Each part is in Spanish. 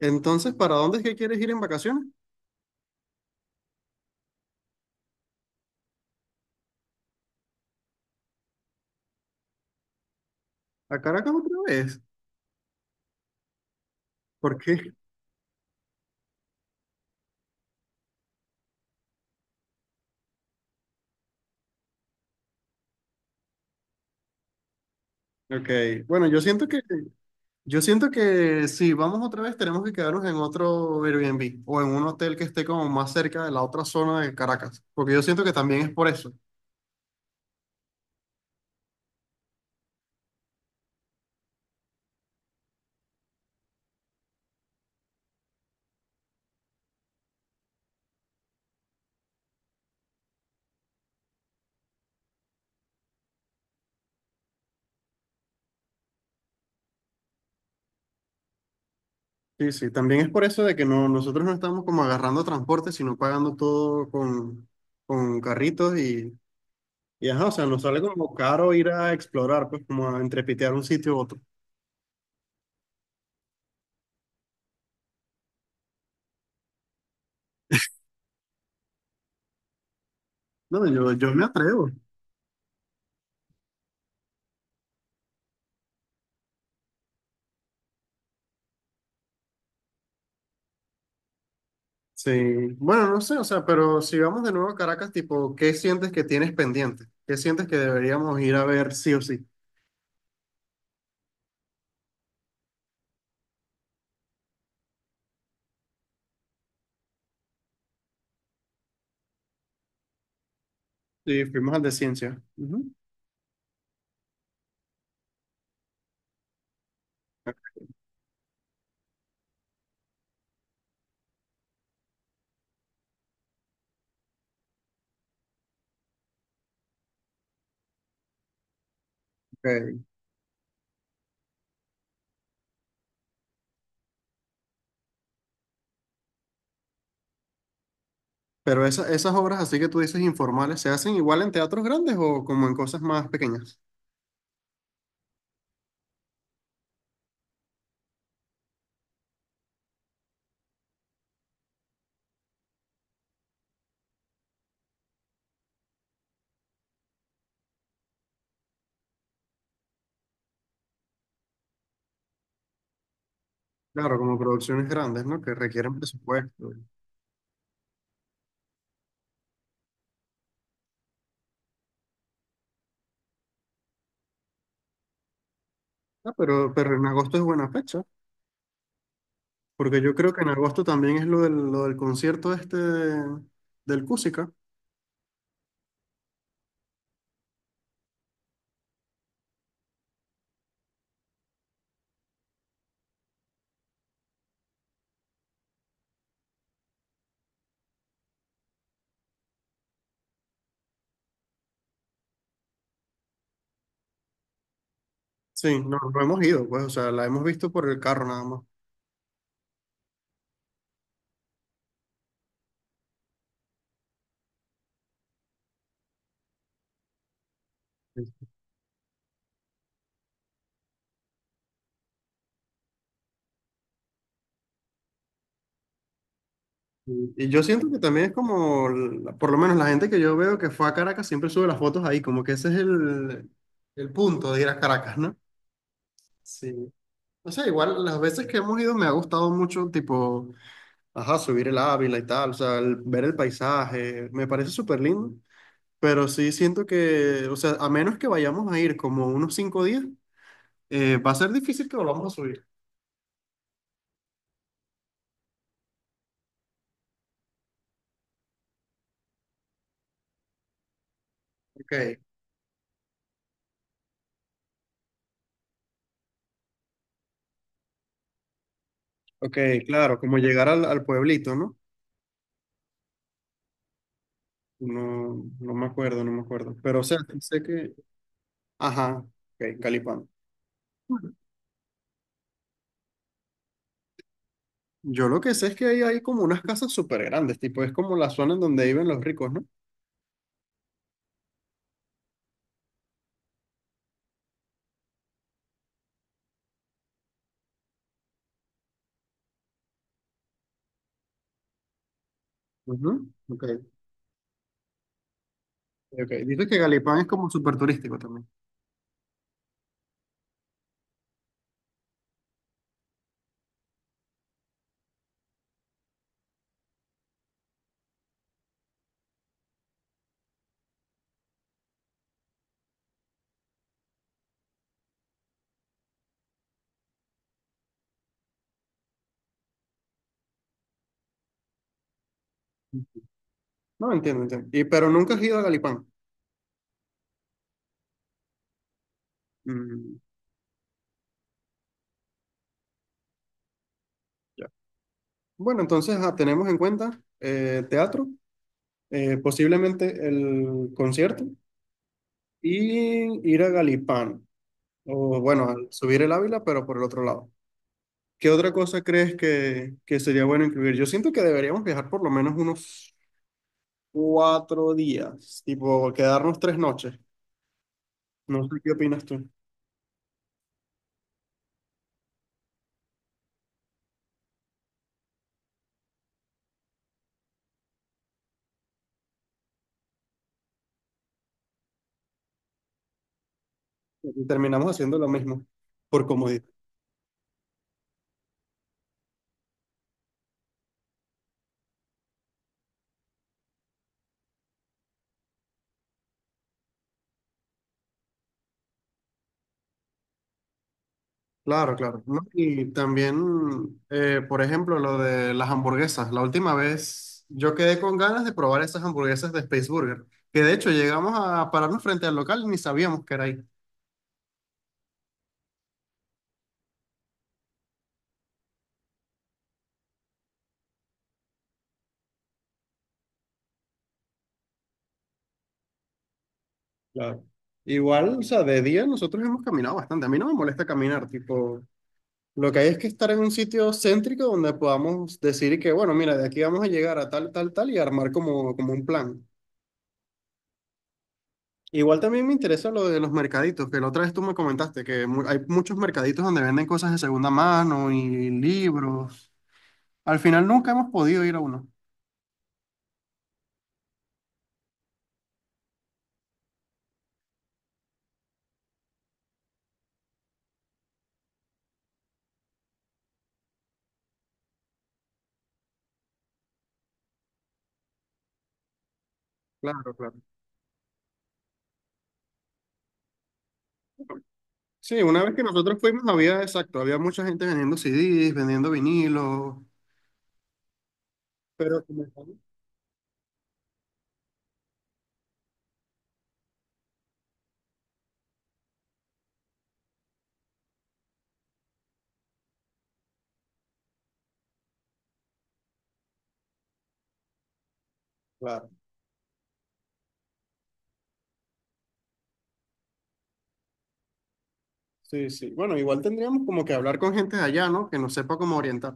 Entonces, ¿para dónde es que quieres ir en vacaciones? ¿A Caracas otra vez? ¿Por qué? Ok, bueno, yo siento que si vamos otra vez tenemos que quedarnos en otro Airbnb o en un hotel que esté como más cerca de la otra zona de Caracas, porque yo siento que también es por eso. Sí, sí, también es por eso de que no, nosotros no estamos como agarrando transporte, sino pagando todo con carritos y ajá, o sea, nos sale como caro ir a explorar, pues como a entrepitear un sitio u otro. No, yo me atrevo. Sí, bueno, no sé, o sea, pero si vamos de nuevo a Caracas, tipo, ¿qué sientes que tienes pendiente? ¿Qué sientes que deberíamos ir a ver sí o sí? Sí, fuimos al de ciencia. Ujú. Ok. Pero esas obras así que tú dices informales, ¿se hacen igual en teatros grandes o como en cosas más pequeñas? Claro, como producciones grandes, ¿no? Que requieren presupuesto. Ah, pero en agosto es buena fecha, porque yo creo que en agosto también es lo del concierto este del Cusica. Sí, no, no hemos ido, pues, o sea, la hemos visto por el carro nada más. Y yo siento que también es como, por lo menos la gente que yo veo que fue a Caracas siempre sube las fotos ahí, como que ese es el punto de ir a Caracas, ¿no? Sí. O sea, igual las veces que hemos ido me ha gustado mucho, tipo, ajá, subir el Ávila y tal, o sea, ver el paisaje, me parece súper lindo, pero sí siento que, o sea, a menos que vayamos a ir como unos 5 días, va a ser difícil que volvamos a subir. Ok, ok, claro, como llegar al pueblito, ¿no? No, no me acuerdo, no me acuerdo. Pero, o sea, sí sé que. Ajá, ok, Calipán. Yo lo que sé es que ahí hay como unas casas súper grandes, tipo, es como la zona en donde viven los ricos, ¿no? Ujú, ok, ok. Dices que Galipán es como súper turístico también. No, entiendo, entiendo. Y, pero nunca has ido a Galipán. Mm, ya. Bueno, entonces tenemos en cuenta teatro, posiblemente el concierto y ir a Galipán. O bueno, al subir el Ávila, pero por el otro lado. ¿Qué otra cosa crees que sería bueno incluir? Yo siento que deberíamos viajar por lo menos unos 4 días, tipo quedarnos 3 noches. No sé qué opinas tú. Y terminamos haciendo lo mismo, por comodidad. Claro, claro, ¿no? Y también, por ejemplo, lo de las hamburguesas. La última vez yo quedé con ganas de probar esas hamburguesas de Space Burger, que de hecho llegamos a pararnos frente al local y ni sabíamos que era ahí. Claro. Igual, o sea, de día nosotros hemos caminado bastante. A mí no me molesta caminar, tipo, lo que hay es que estar en un sitio céntrico donde podamos decir que, bueno, mira, de aquí vamos a llegar a tal, tal, tal y armar como, como un plan. Igual también me interesa lo de los mercaditos, que la otra vez tú me comentaste que hay muchos mercaditos donde venden cosas de segunda mano y libros. Al final nunca hemos podido ir a uno. Claro, claro. Sí, una vez que nosotros fuimos había, exacto, había mucha gente vendiendo CDs, vendiendo vinilos, pero como estamos- Claro, sí, sí. Bueno, igual tendríamos como que hablar con gente de allá, ¿no? Que nos sepa cómo orientar.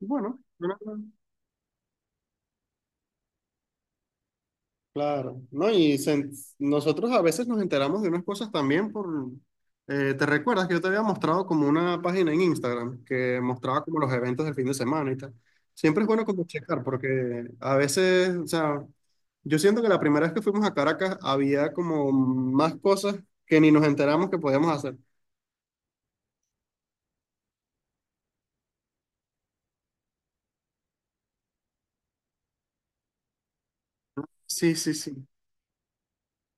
Bueno, bueno, claro, ¿no? Y se- nosotros a veces nos enteramos de unas cosas también por... ¿te recuerdas que yo te había mostrado como una página en Instagram que mostraba como los eventos del fin de semana y tal? Siempre es bueno como checar porque a veces, o sea, yo siento que la primera vez que fuimos a Caracas había como más cosas que ni nos enteramos que podíamos hacer. Sí, sí, sí,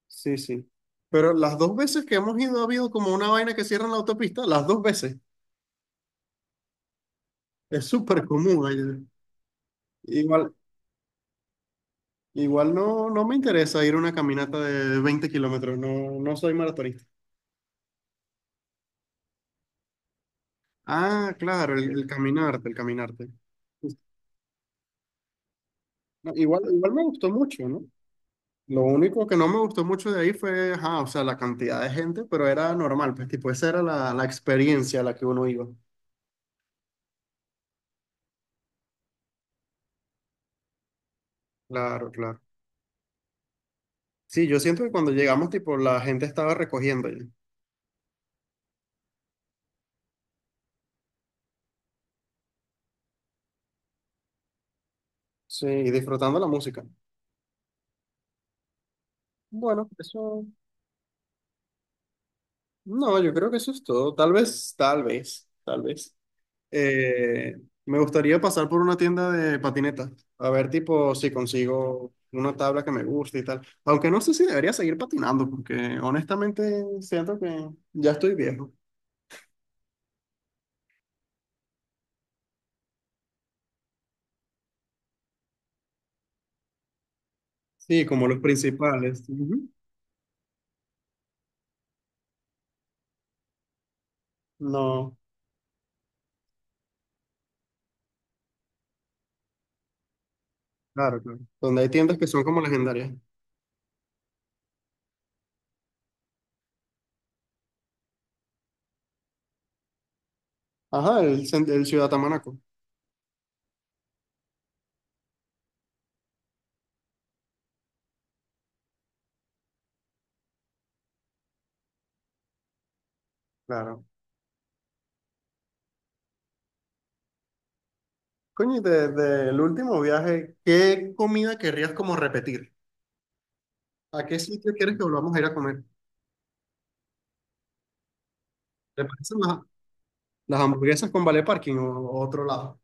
sí, sí. Pero las 2 veces que hemos ido ha habido como una vaina que cierra la autopista, las 2 veces. Es súper común allá. Igual, Igual, no, no me interesa ir a una caminata de 20 kilómetros, no, no soy maratonista. Ah, claro, el caminarte, el caminarte. No, igual, igual me gustó mucho, ¿no? Lo único que no me gustó mucho de ahí fue, ajá, o sea, la cantidad de gente, pero era normal, pues tipo, esa era la experiencia a la que uno iba. Claro, claro. Sí, yo siento que cuando llegamos, tipo, la gente estaba recogiendo ya. Sí, y disfrutando la música. Bueno, eso, no, yo creo que eso es todo. Tal vez, tal vez, tal vez. Eh, me gustaría pasar por una tienda de patinetas, a ver tipo si consigo una tabla que me guste y tal. Aunque no sé si debería seguir patinando, porque honestamente siento que ya estoy viejo. Sí, como los principales. Ujú. No, claro, claro. Donde hay tiendas que son como legendarias. Ajá, el, el Ciudad Tamanaco. Claro. Coño, y desde el último viaje, ¿qué comida querrías como repetir? ¿A qué sitio quieres que volvamos a ir a comer? ¿Te parecen las hamburguesas con Vale Parking o otro lado?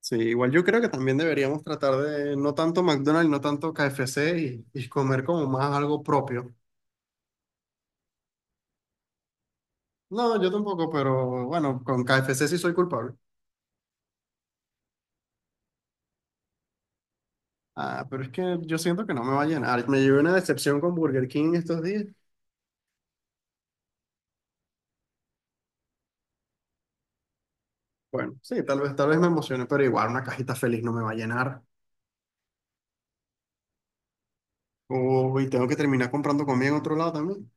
Sí, igual yo creo que también deberíamos tratar de no tanto McDonald's, no tanto KFC y comer como más algo propio. No, yo tampoco, pero bueno, con KFC sí soy culpable. Ah, pero es que yo siento que no me va a llenar. Me llevé una decepción con Burger King estos días. Bueno, sí, tal vez me emocione, pero igual una cajita feliz no me va a llenar. Uy, tengo que terminar comprando comida en otro lado también.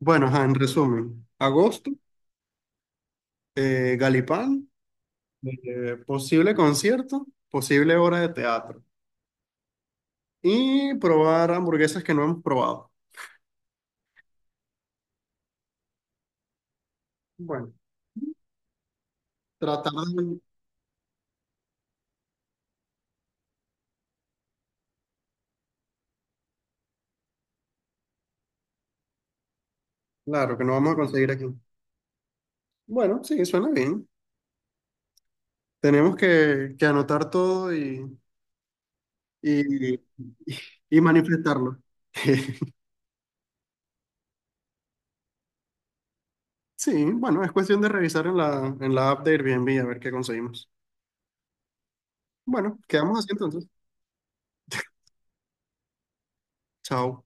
Bueno, ajá, en resumen, agosto, Galipán, posible concierto, posible hora de teatro. Y probar hamburguesas que no hemos probado. Bueno, tratar de... Claro, que no vamos a conseguir aquí. Bueno, sí, suena bien. Tenemos que anotar todo y, y manifestarlo. Sí, bueno, es cuestión de revisar en la app de Airbnb a ver qué conseguimos. Bueno, quedamos así entonces. Chao.